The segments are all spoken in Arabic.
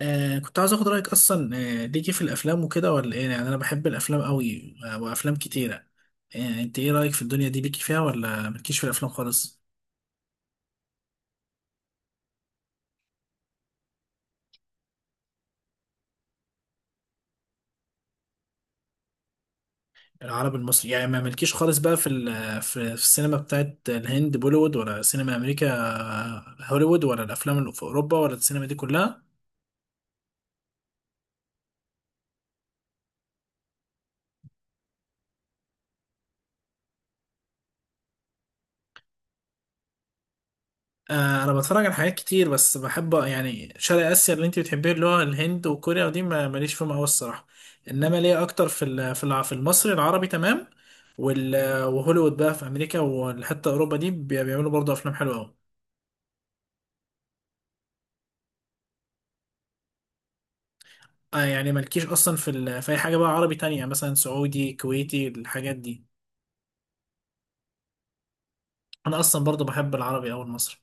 آه كنت عايز اخد رايك اصلا. آه ليكي في الافلام وكده ولا ايه؟ يعني انا بحب الافلام قوي آه، وافلام كتيره. آه انت ايه رايك في الدنيا دي؟ ليكي فيها ولا ملكيش في الافلام خالص؟ العربي المصري، يعني ما ملكيش خالص بقى في ال- في في السينما بتاعت الهند بوليوود، ولا سينما امريكا آه، هوليوود، ولا الافلام اللي في اوروبا، ولا السينما دي كلها؟ آه، انا بتفرج على حاجات كتير، بس بحب يعني شرق اسيا اللي انت بتحبيه اللي هو الهند وكوريا، ودي ماليش فيهم قوي الصراحه. انما ليا اكتر في المصري العربي تمام. وال- وهوليوود بقى في امريكا، وحتى اوروبا دي بيعملوا برضه افلام حلوه قوي. آه يعني مالكيش اصلا في اي حاجه بقى عربي تانية؟ يعني مثلا سعودي كويتي الحاجات دي؟ انا اصلا برضه بحب العربي او المصري.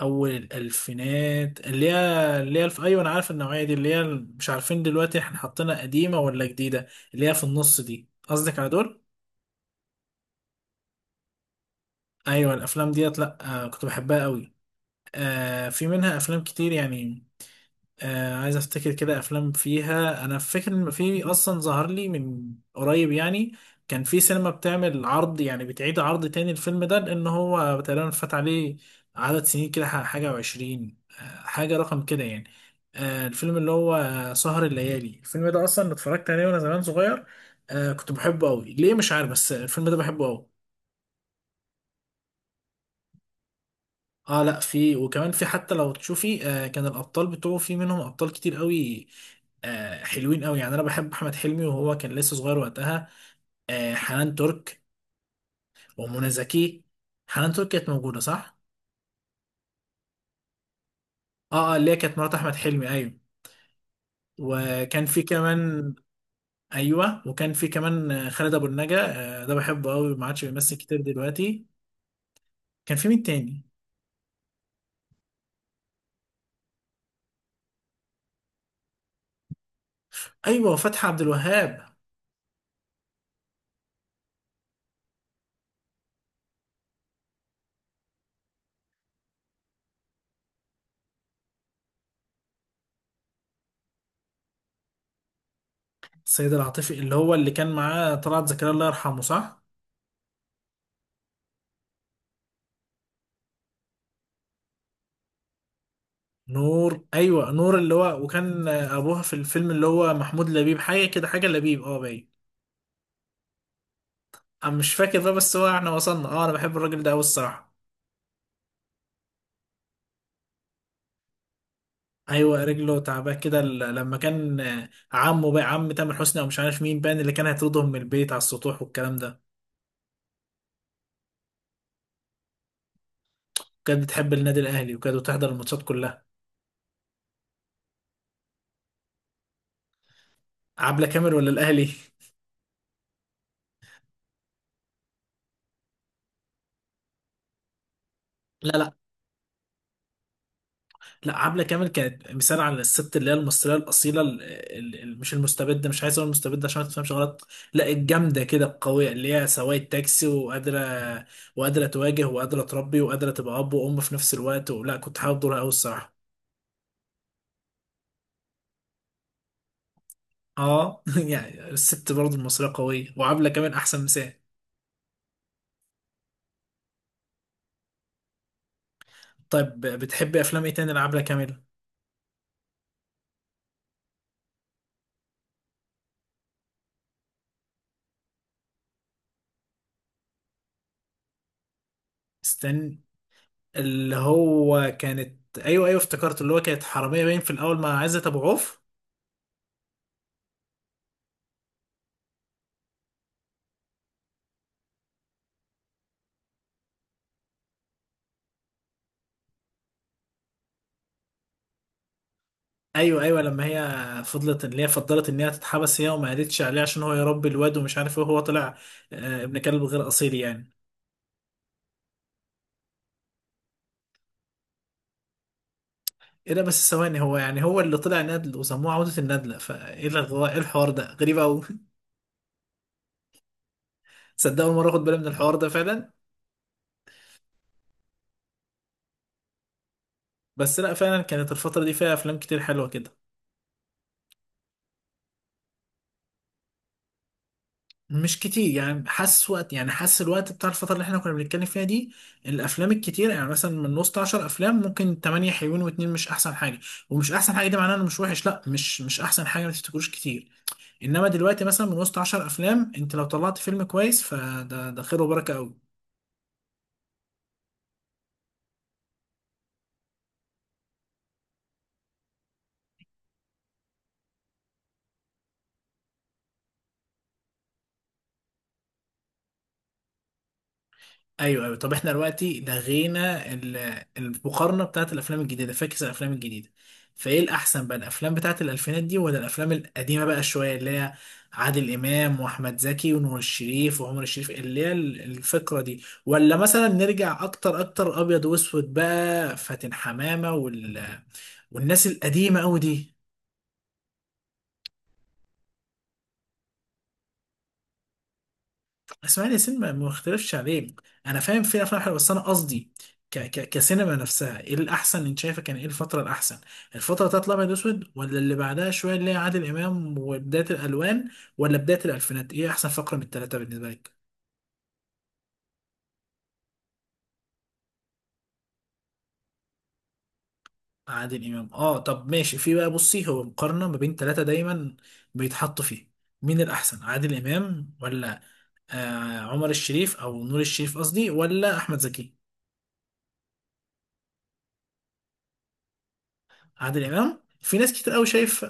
اول الالفينات اللي هي؟ اللي هي ايوه انا عارف النوعيه دي، اللي هي مش عارفين دلوقتي احنا حاطينها قديمه ولا جديده. اللي هي في النص دي، قصدك على دول؟ ايوه الافلام ديت، لا آه كنت بحبها قوي. آه في منها افلام كتير يعني. آه عايز افتكر كده افلام فيها. انا فاكر ان في اصلا ظهر لي من قريب يعني، كان في سينما بتعمل عرض، يعني بتعيد عرض تاني الفيلم ده، لان هو تقريبا فات عليه عدد سنين كده، حاجة وعشرين آه حاجة رقم كده يعني. آه الفيلم اللي هو سهر الليالي، الفيلم ده اصلا اتفرجت عليه وانا زمان صغير. آه كنت بحبه قوي، ليه مش عارف، بس الفيلم ده بحبه قوي. اه لا في، وكمان في، حتى لو تشوفي آه كان الابطال بتوعه في منهم ابطال كتير قوي. آه حلوين قوي، يعني انا بحب احمد حلمي، وهو كان لسه صغير وقتها. آه حنان ترك. ومنى زكي. حنان ترك كانت موجوده، صح. اه اه اللي هي كانت مرات احمد حلمي، ايوه. وكان في كمان. ايوه وكان في كمان آه، خالد ابو النجا. آه ده بحبه قوي، ما عادش بيمثل كتير دلوقتي. كان في مين تاني؟ ايوه وفتحي عبد الوهاب. السيد العاطفي، اللي هو اللي كان معاه طلعت زكريا، الله يرحمه، صح. نور، ايوه نور، اللي هو وكان ابوها في الفيلم اللي هو محمود لبيب، حاجه كده، حاجه لبيب اه باين. انا مش فاكر بقى، بس هو احنا وصلنا. اه انا بحب الراجل ده قوي الصراحه. ايوه رجله تعباه كده، لما كان آه، عمه بقى، عم تامر حسني او مش عارف مين، بان اللي كان هيطردهم من البيت على السطوح والكلام ده. كانت بتحب النادي الاهلي، وكانت بتحضر الماتشات كلها. عبله كامل ولا الاهلي؟ لا لا، عبلة كامل كانت مثال على الست اللي هي المصرية الأصيلة، مش المستبدة، مش عايز أقول المستبدة عشان ما تفهمش غلط. لا الجامدة كده القوية، اللي هي سواقة تاكسي، وقادرة تواجه، وقادرة تربي، وقادرة تبقى أب وأم في نفس الوقت. ولا كنت حابب دورها أوي الصراحة. أه يعني الست برضه المصرية قوية، وعبلة كامل أحسن مثال. طيب بتحبي أفلام إيه تاني لعبلة كامل؟ استنى، اللي هو كانت، أيوه أيوه افتكرت، اللي هو كانت حرامية باين في الأول مع عزت أبو عوف. ايوه ايوه، لما هي فضلت، ان هي تتحبس هي، وما قالتش عليه عشان هو يربي الواد ومش عارف ايه، وهو طلع آه، ابن كلب غير اصيل يعني. ايه ده بس، ثواني، هو يعني هو اللي طلع نادل وسموه عودة الندلة؟ فايه ايه الحوار ده؟ غريب قوي. صدق اول مرة اخد بالي من الحوار ده فعلا. بس لا فعلا كانت الفترة دي فيها افلام كتير حلوة كده. مش كتير يعني، حاسس وقت، يعني حاسس الوقت بتاع الفترة اللي احنا كنا بنتكلم فيها دي الأفلام الكتير. يعني مثلا من وسط 10 أفلام ممكن 8 حلوين واتنين مش أحسن حاجة. ومش أحسن حاجة دي معناها إنه مش وحش، لا مش أحسن حاجة، ما تفتكروش كتير. إنما دلوقتي مثلا من وسط 10 أفلام أنت لو طلعت فيلم كويس فده، ده خير وبركة أوي. ايوه ايوه، طب احنا دلوقتي المقارنه بتاعت الافلام الجديده. فاكس الافلام الجديده، فايه الاحسن بقى؟ الافلام بتاعت الالفينات دي، ولا الافلام القديمه بقى شويه، اللي هي عادل امام واحمد زكي ونور الشريف وعمر الشريف، اللي هي الفكره دي؟ ولا مثلا نرجع اكتر اكتر، ابيض واسود بقى، فاتن حمامه والناس القديمه قوي دي؟ اسماعيل ياسين ما مختلفش عليه. انا فاهم في افلام حلوه، بس انا قصدي ك ك كسينما نفسها ايه الاحسن؟ انت شايفه كان ايه الفتره الاحسن؟ الفتره بتاعت الابيض واسود، ولا اللي بعدها شويه اللي هي عادل امام وبدايه الالوان، ولا بدايه الالفينات؟ ايه احسن فقره من الثلاثه بالنسبه لك؟ عادل امام، اه طب ماشي. في بقى بصي، هو مقارنه ما بين ثلاثه دايما بيتحطوا فيه، مين الاحسن؟ عادل امام، ولا آه عمر الشريف او نور الشريف قصدي، ولا احمد زكي؟ عادل امام في ناس كتير قوي شايف.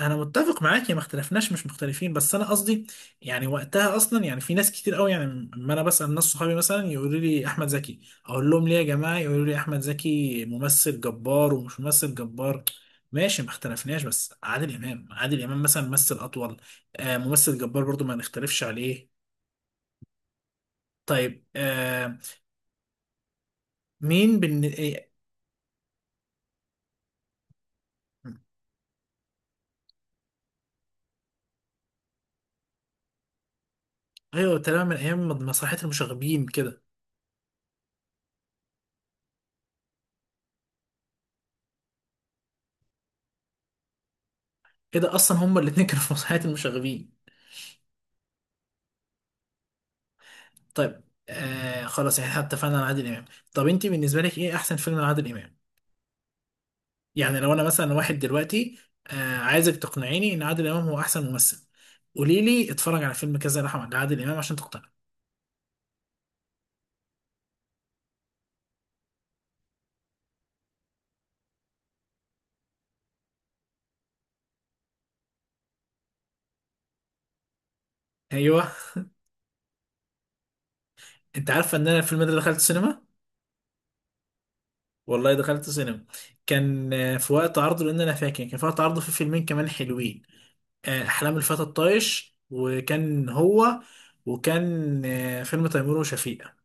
انا متفق معاك، يا ما اختلفناش، مش مختلفين، بس انا قصدي يعني وقتها اصلا يعني في ناس كتير قوي يعني. لما انا بسال ناس صحابي مثلا يقولوا لي احمد زكي، اقول لهم ليه يا جماعه؟ يقولوا لي احمد زكي ممثل جبار ومش ممثل جبار. ماشي ما اختلفناش، بس عادل امام، عادل امام مثلا ممثل اطول. آه ممثل جبار برضو، ما نختلفش عليه. طيب آه، مين بن إيه- ايوه تمام، من ايام مسرحيه المشاغبين كده. كده اصلا هما الاتنين كانوا في مسرحيه المشاغبين. طيب آه خلاص، احنا اتفقنا على عادل امام. طب انت بالنسبه لك ايه احسن فيلم لعادل امام؟ يعني لو انا مثلا واحد دلوقتي آه عايزك تقنعيني ان عادل امام هو احسن ممثل، قولي لي اتفرج على فيلم كذا لعادل امام عشان تقتنع. ايوه انت عارفه ان انا الفيلم ده دخلت سينما؟ والله دخلت سينما، كان آه، في وقت عرضه، لان انا فاكر كان في وقت عرضه في فيلمين كمان حلوين. آه احلام الفتى الطايش وكان هو، وكان آه فيلم تيمور وشفيقة.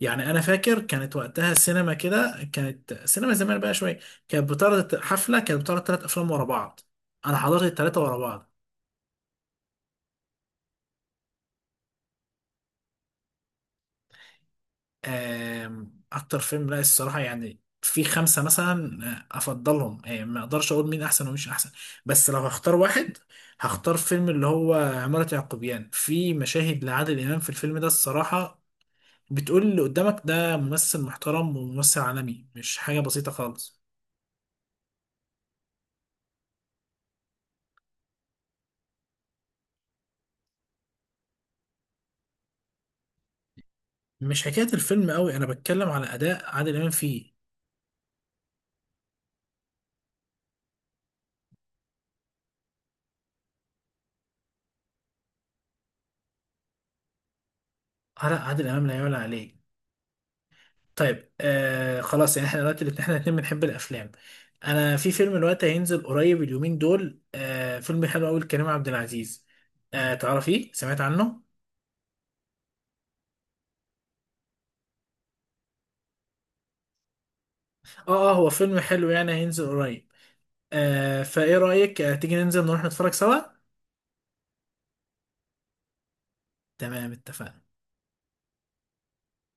يعني انا فاكر كانت وقتها السينما كده، كانت سينما زمان بقى شويه، كانت بتعرض حفله، كانت بتعرض ثلاث افلام ورا بعض. انا حضرت الثلاثه ورا بعض. آم، اكتر فيلم، لا الصراحه يعني في خمسه مثلا آه، افضلهم آه، ما اقدرش اقول مين احسن ومش احسن. بس لو هختار واحد، هختار فيلم اللي هو عمارة يعقوبيان. في مشاهد لعادل امام في الفيلم ده الصراحه بتقول اللي قدامك ده ممثل محترم وممثل عالمي، مش حاجه بسيطه خالص. مش حكاية الفيلم قوي، انا بتكلم على اداء عادل امام فيه. على عادل امام لا يعلى عليه. طيب آه خلاص، يعني احنا دلوقتي احنا الاتنين بنحب الافلام. انا في فيلم دلوقتي هينزل قريب اليومين دول، آه فيلم حلو قوي لكريم عبد العزيز. آه تعرفيه؟ سمعت عنه؟ اه اه هو فيلم حلو يعني، هينزل قريب. آه فايه رأيك آه تيجي ننزل نروح نتفرج سوا؟ تمام اتفقنا.